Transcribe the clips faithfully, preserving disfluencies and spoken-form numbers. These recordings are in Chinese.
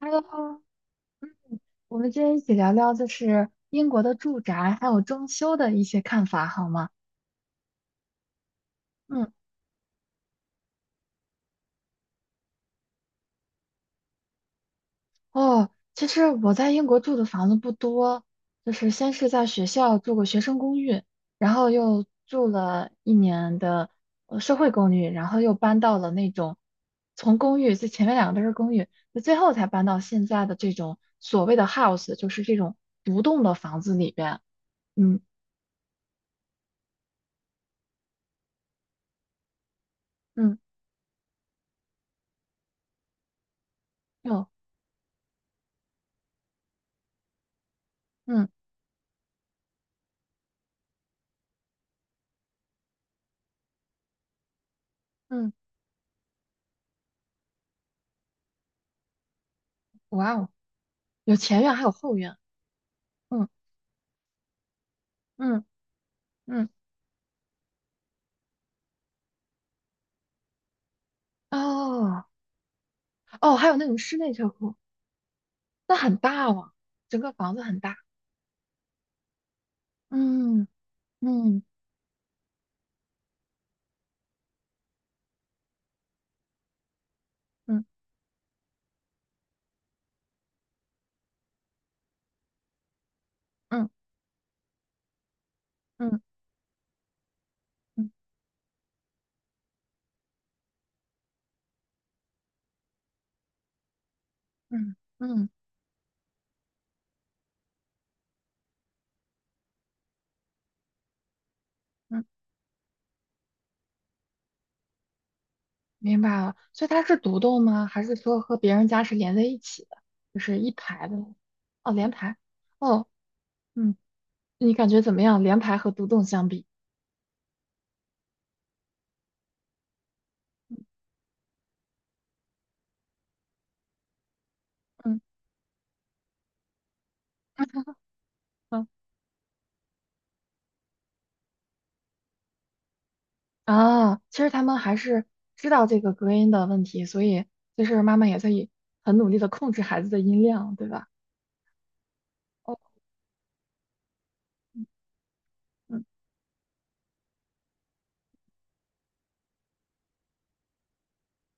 Hello，我们今天一起聊聊就是英国的住宅还有装修的一些看法，好吗？嗯，哦，其实我在英国住的房子不多，就是先是在学校住过学生公寓，然后又住了一年的呃社会公寓，然后又搬到了那种从公寓，就前面两个都是公寓，就最后才搬到现在的这种所谓的 house，就是这种独栋的房子里边。嗯嗯，有嗯嗯，哇哦。有前院还有后院，嗯嗯嗯，哦哦，还有那种室内车库，那很大哦，整个房子很大，嗯嗯嗯嗯嗯嗯嗯嗯嗯，明白了。所以它是独栋吗？还是说和别人家是连在一起的，就是一排的那种哦，连排，哦，嗯，你感觉怎么样？连排和独栋相比？嗯 啊，其实他们还是知道这个隔音的问题，所以就是妈妈也在以很努力的控制孩子的音量，对吧？哦，嗯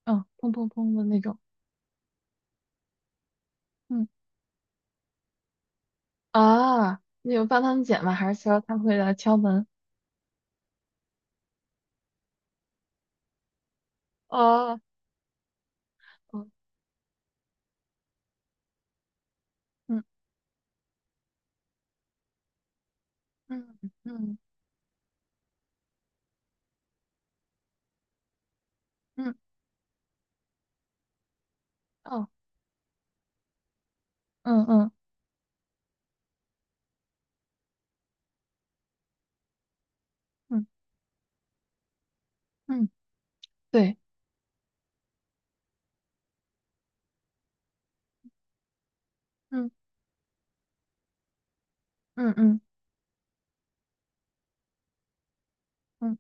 嗯，砰砰砰的那种，嗯啊，你有帮他们剪吗？还是说他们会来敲门？哦，哦，嗯嗯嗯嗯，哦，嗯嗯嗯嗯，对，嗯嗯嗯嗯，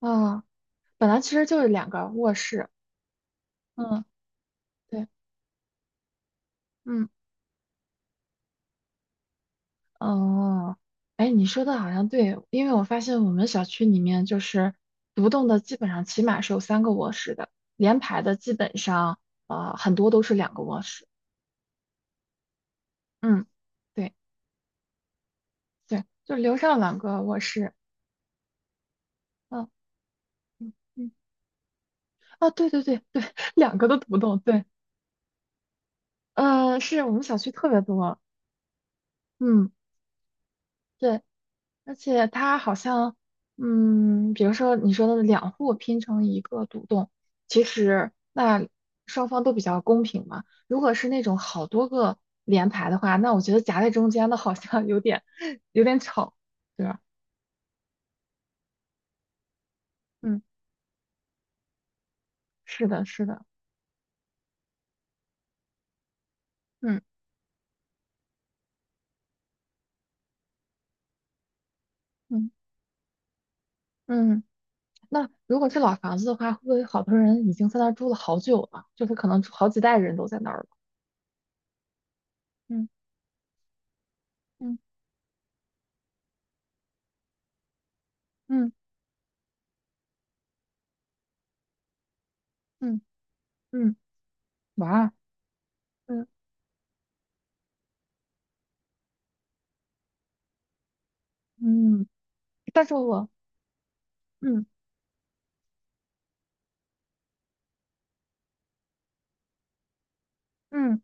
啊，本来其实就是两个卧室，嗯对，嗯。哦，哎，你说的好像对，因为我发现我们小区里面就是独栋的，基本上起码是有三个卧室的，连排的基本上呃很多都是两个卧室。嗯，对对，就留上两个卧室。嗯嗯嗯，哦，对对对对，两个都独栋，对，呃，是我们小区特别多。嗯，对，而且它好像，嗯，比如说你说的两户拼成一个独栋，其实那双方都比较公平嘛。如果是那种好多个连排的话，那我觉得夹在中间的好像有点 有点吵，对吧？嗯，是的，是的，嗯嗯嗯。那如果是老房子的话，会不会好多人已经在那儿住了好久了？就是可能好几代人都在那儿了。嗯嗯嗯嗯嗯，哇，嗯嗯，但是我。嗯。嗯，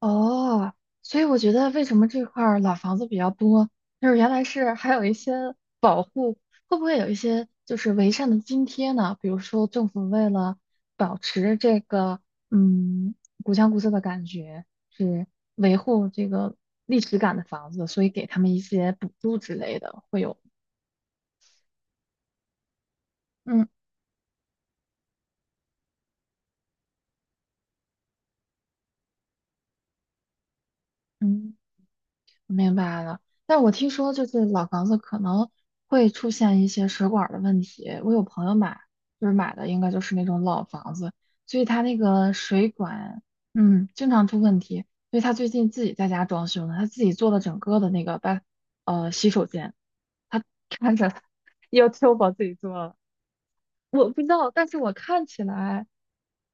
哦，所以我觉得为什么这块儿老房子比较多，就是原来是还有一些保护，会不会有一些就是完善的津贴呢？比如说政府为了保持这个嗯古香古色的感觉，是维护这个历史感的房子，所以给他们一些补助之类的，会有嗯嗯。明白了，但我听说就是老房子可能会出现一些水管儿的问题。我有朋友买，就是买的应该就是那种老房子，所以他那个水管，嗯，经常出问题。所以他最近自己在家装修呢，他自己做了整个的那个把呃洗手间，他看着 要 o 我 t 自己做了，我不知道，但是我看起来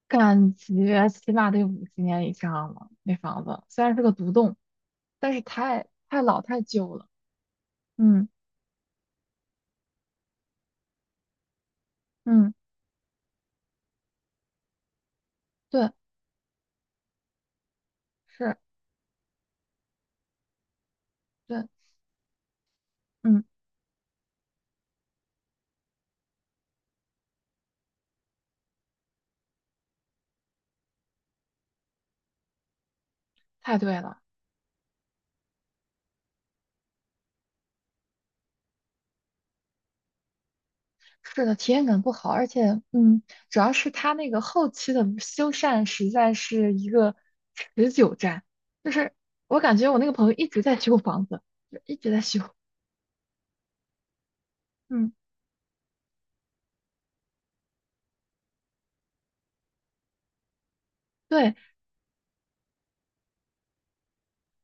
感觉起码得五十年以上了，那房子虽然是个独栋，但是太太老太旧了。嗯嗯，对，是，对，嗯，太对了，是的，体验感不好，而且，嗯，主要是它那个后期的修缮实在是一个持久战，就是我感觉我那个朋友一直在修房子，就一直在修，嗯，对，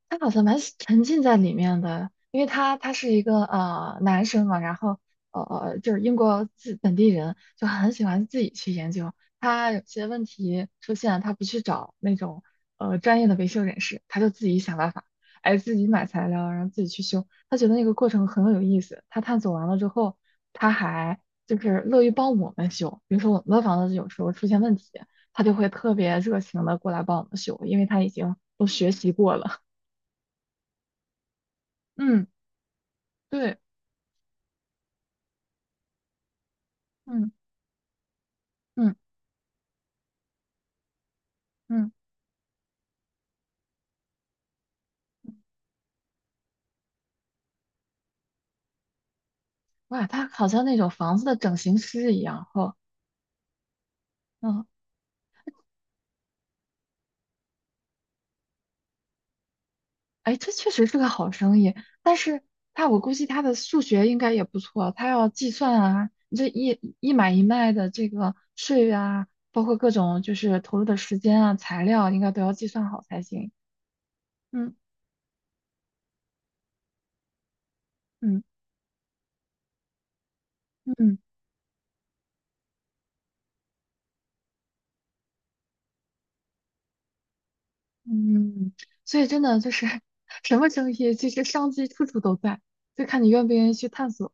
他好像蛮沉浸在里面的，因为他他是一个呃男生嘛，然后呃呃就是英国自本地人，就很喜欢自己去研究。他有些问题出现，他不去找那种呃专业的维修人士，他就自己想办法，哎，自己买材料，然后自己去修。他觉得那个过程很有意思。他探索完了之后，他还就是乐于帮我们修，比如说我们的房子有时候出现问题，他就会特别热情的过来帮我们修，因为他已经都学习过了。嗯，对，嗯嗯嗯，嗯哇，他好像那种房子的整形师一样，哦，嗯，哎，这确实是个好生意，但是他我估计他的数学应该也不错，他要计算啊，你这一一买一卖的这个税啊，包括各种就是投入的时间啊、材料，应该都要计算好才行。嗯嗯嗯嗯，所以真的就是 什么生意，其实商机处处都在，就看你愿不愿意去探索。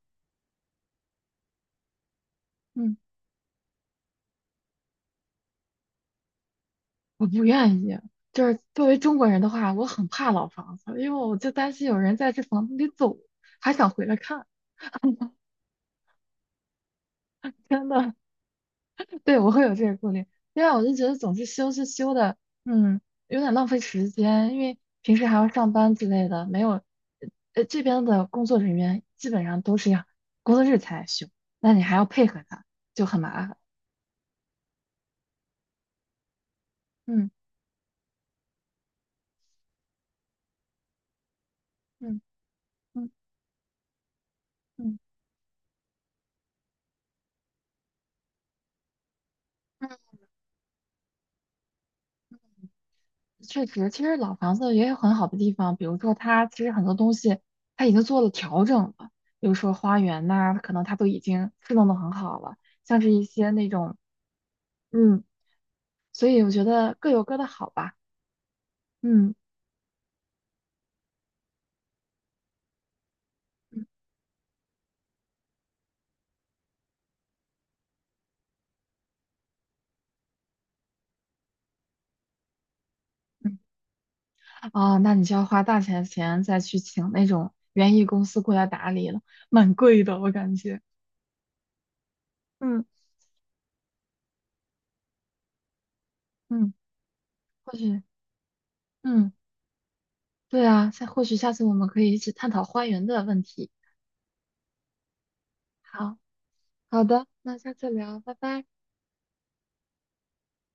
嗯。我不愿意。就是作为中国人的话，我很怕老房子，因为我就担心有人在这房子里走，还想回来看。真的，对，我会有这个顾虑。另外，我就觉得总是修是修的，嗯，有点浪费时间，因为平时还要上班之类的，没有，呃，这边的工作人员基本上都是要工作日才来修，那你还要配合他，就很麻烦。嗯嗯嗯嗯嗯。确实，其实老房子也有很好的地方，比如说它其实很多东西它已经做了调整了，比如说花园呐、可能它都已经施弄得很好了，像是一些那种，嗯，所以我觉得各有各的好吧，嗯嗯嗯，嗯啊，那你就要花大钱钱再去请那种园艺公司过来打理了，蛮贵的，我感觉，嗯嗯，或许，嗯，对啊，下或许下次我们可以一起探讨花园的问题，好好的，那下次聊，拜拜。